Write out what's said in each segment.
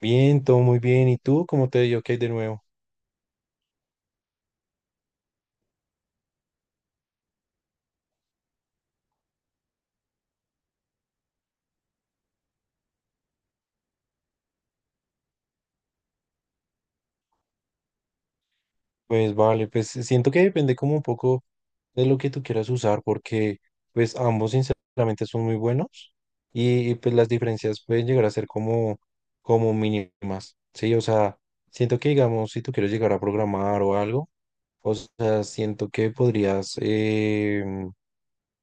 Bien, todo muy bien. ¿Y tú cómo te dio qué hay de nuevo? Pues vale, pues siento que depende como un poco de lo que tú quieras usar, porque pues ambos sinceramente son muy buenos y, pues las diferencias pueden llegar a ser como mínimas, ¿sí? O sea, siento que digamos, si tú quieres llegar a programar o algo, o sea, siento que podrías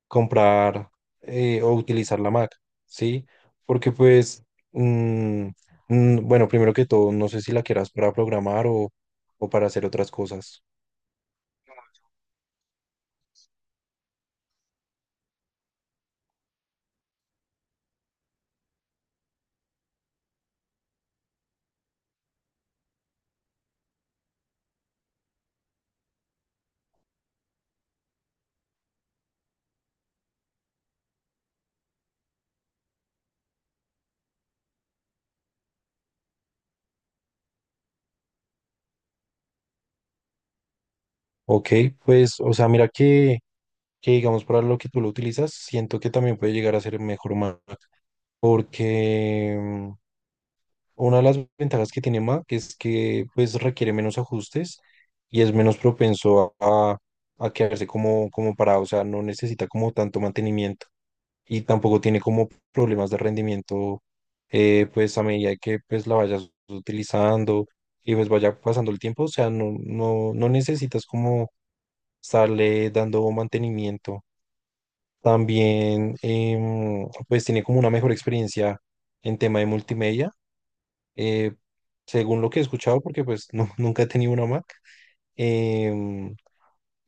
comprar o utilizar la Mac, ¿sí? Porque pues, mm, bueno, primero que todo, no sé si la quieras para programar o para hacer otras cosas. Ok, pues, o sea, mira que digamos para lo que tú lo utilizas, siento que también puede llegar a ser mejor Mac, porque una de las ventajas que tiene Mac es que pues requiere menos ajustes y es menos propenso a quedarse como parado, o sea, no necesita como tanto mantenimiento. Y tampoco tiene como problemas de rendimiento, pues a medida que pues la vayas utilizando y pues vaya pasando el tiempo, o sea, no, no, no necesitas como estarle dando mantenimiento. También pues tiene como una mejor experiencia en tema de multimedia, eh, según lo que he escuchado, porque pues no, nunca he tenido una Mac. em,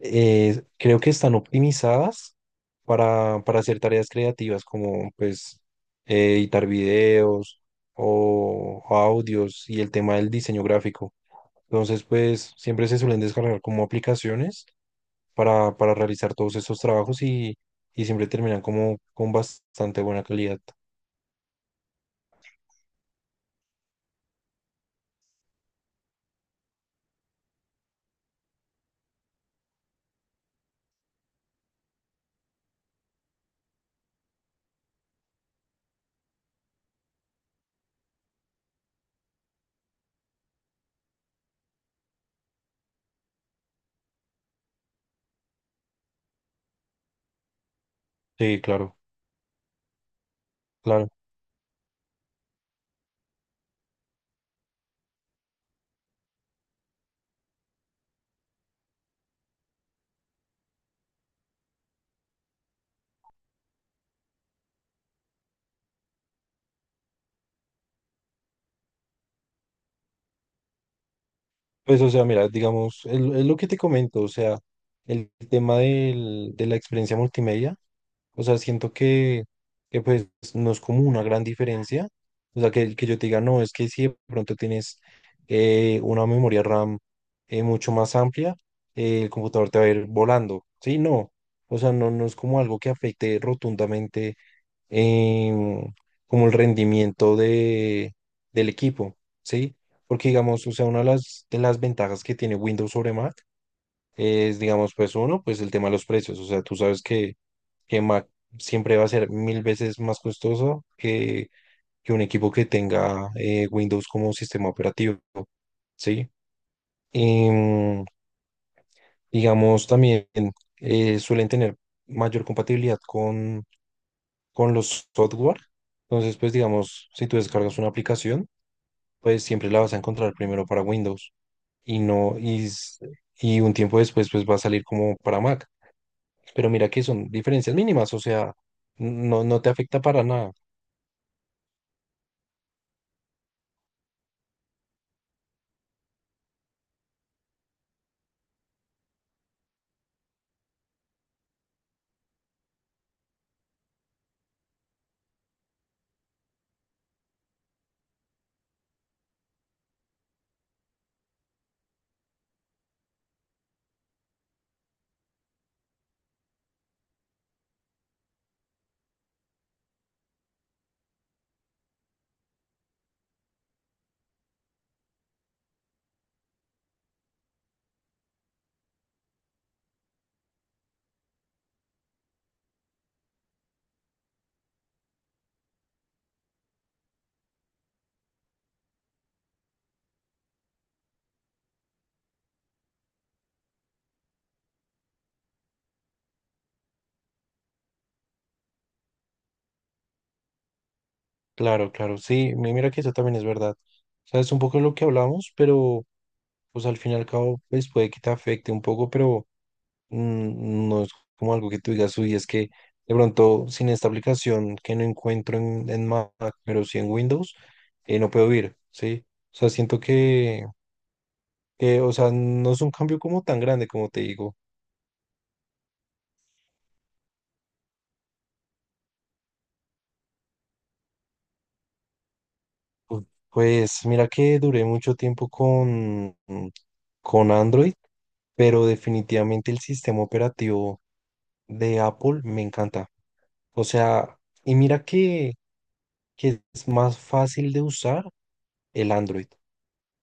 Creo que están optimizadas para hacer tareas creativas como pues editar videos o audios y el tema del diseño gráfico. Entonces, pues siempre se suelen descargar como aplicaciones para realizar todos esos trabajos y siempre terminan como con bastante buena calidad. Sí, claro, claro. Pues, o sea, mira, digamos, es lo que te comento, o sea, el tema de la experiencia multimedia. O sea, siento que pues no es como una gran diferencia. O sea, que yo te diga, no, es que si de pronto tienes una memoria RAM mucho más amplia, el computador te va a ir volando. Sí, no. O sea, no, no es como algo que afecte rotundamente, em, como el rendimiento del equipo, ¿sí? Porque digamos, o sea, una de las ventajas que tiene Windows sobre Mac es, digamos, pues uno, pues el tema de los precios. O sea, tú sabes que Mac siempre va a ser 1000 veces más costoso que un equipo que tenga Windows como sistema operativo, ¿sí? Em, digamos, también suelen tener mayor compatibilidad con los software. Entonces, pues digamos, si tú descargas una aplicación, pues siempre la vas a encontrar primero para Windows y no, y un tiempo después, pues va a salir como para Mac. Pero mira que son diferencias mínimas, o sea, no, no te afecta para nada. Claro, claro, sí, mira que eso también es verdad. O sea, es un poco lo que hablamos, pero pues al fin y al cabo, pues puede que te afecte un poco, pero no es como algo que tú digas, uy, es que de pronto sin esta aplicación que no encuentro en Mac, pero sí en Windows, no puedo ir, ¿sí? O sea, siento que, o sea, no es un cambio como tan grande como te digo. Pu- Pues mira que duré mucho tiempo con Android, pero definitivamente el sistema operativo de Apple me encanta. O sea, y mira que es más fácil de usar el Android.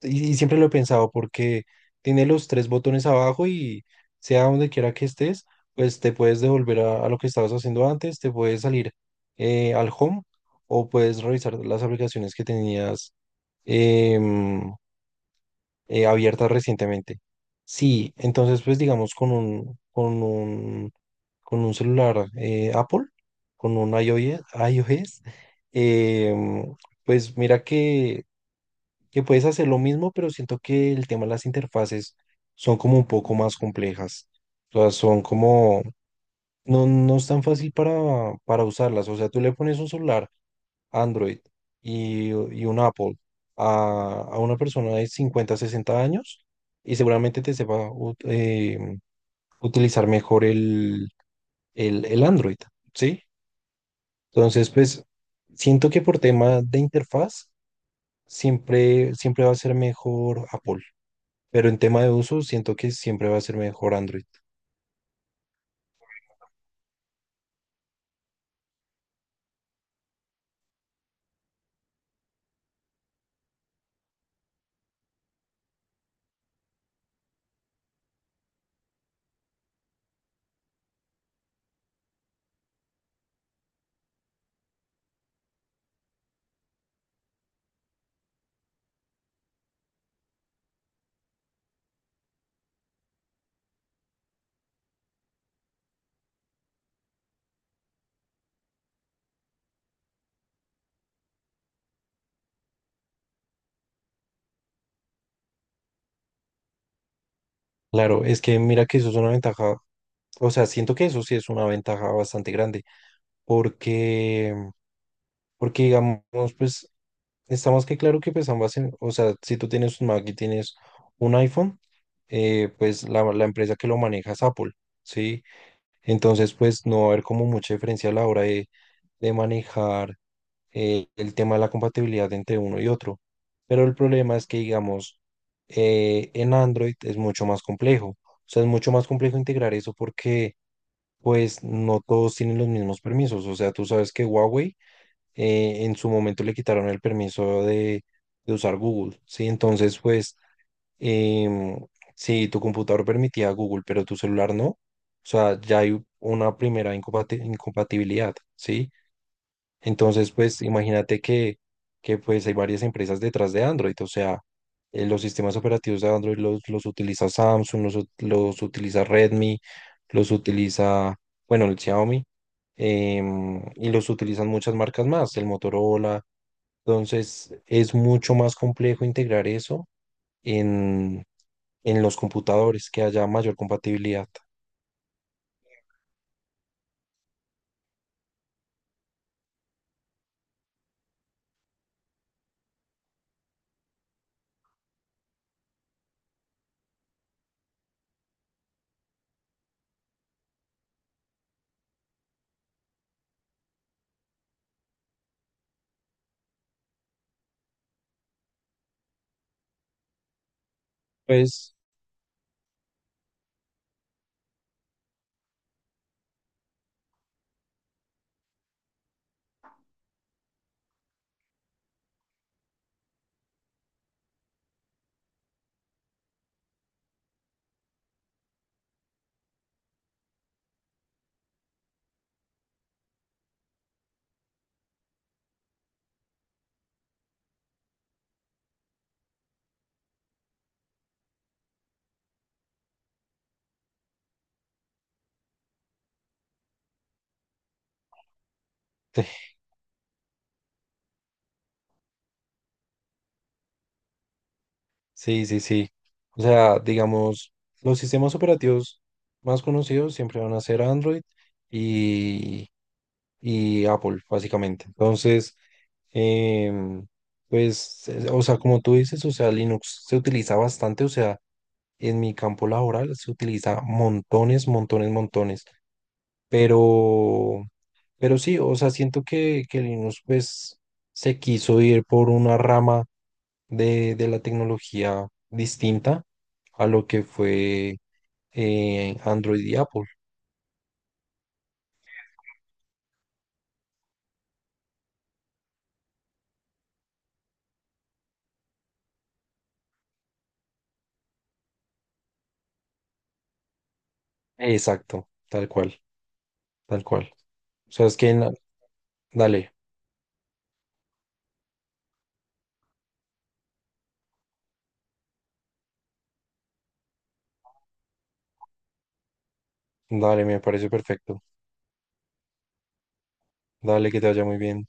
Y siempre lo he pensado porque tiene los tres botones abajo y sea donde quiera que estés, pues te puedes devolver a lo que estabas haciendo antes, te puedes salir al home o puedes revisar las aplicaciones que tenías, em, abiertas recientemente. Sí, entonces pues digamos con un celular Apple, con un iOS, iOS em, pues mira que puedes hacer lo mismo, pero siento que el tema de las interfaces son como un poco más complejas. O sea, son como, no, no es tan fácil para usarlas. O sea, tú le pones un celular Android y un Apple a una persona de 50 60 años y seguramente te sepa utilizar mejor el Android, ¿sí? Entonces, pues siento que por tema de interfaz siempre, siempre va a ser mejor Apple, pero en tema de uso siento que siempre va a ser mejor Android. Claro, es que mira que eso es una ventaja, o sea, siento que eso sí es una ventaja bastante grande porque, porque, digamos, pues está más que claro que pues ambas, o sea, si tú tienes un Mac y tienes un iPhone, pues la empresa que lo maneja es Apple, ¿sí? Entonces pues no va a haber como mucha diferencia a la hora de manejar el tema de la compatibilidad entre uno y otro. Pero el problema es que, digamos, en Android es mucho más complejo. O sea, es mucho más complejo integrar eso porque pues no todos tienen los mismos permisos. O sea, tú sabes que Huawei en su momento le quitaron el permiso de usar Google, ¿sí? Entonces, pues, em, si tu computador permitía Google, pero tu celular no, o sea, ya hay una primera incompatibilidad, ¿sí? Entonces, pues imagínate que pues hay varias empresas detrás de Android, o sea, los sistemas operativos de Android los utiliza Samsung, los utiliza Redmi, los utiliza, bueno, el Xiaomi, y los utilizan muchas marcas más, el Motorola. Entonces, es mucho más complejo integrar eso en, en los computadores, que haya mayor compatibilidad. Pues sí, sí, sí. O sea, digamos, los sistemas operativos más conocidos siempre van a ser Android y, y Apple, básicamente. Entonces, em, pues, o sea, como tú dices, o sea, Linux se utiliza bastante, o sea, en mi campo laboral se utiliza montones, montones, montones. Pero, pero sí, o sea, siento que Linux, pues, se quiso ir por una rama de la tecnología distinta a lo que fue Android y Apple. Exacto, tal cual, tal cual. O sea, es que, dale, dale, me parece perfecto. Dale, que te vaya muy bien.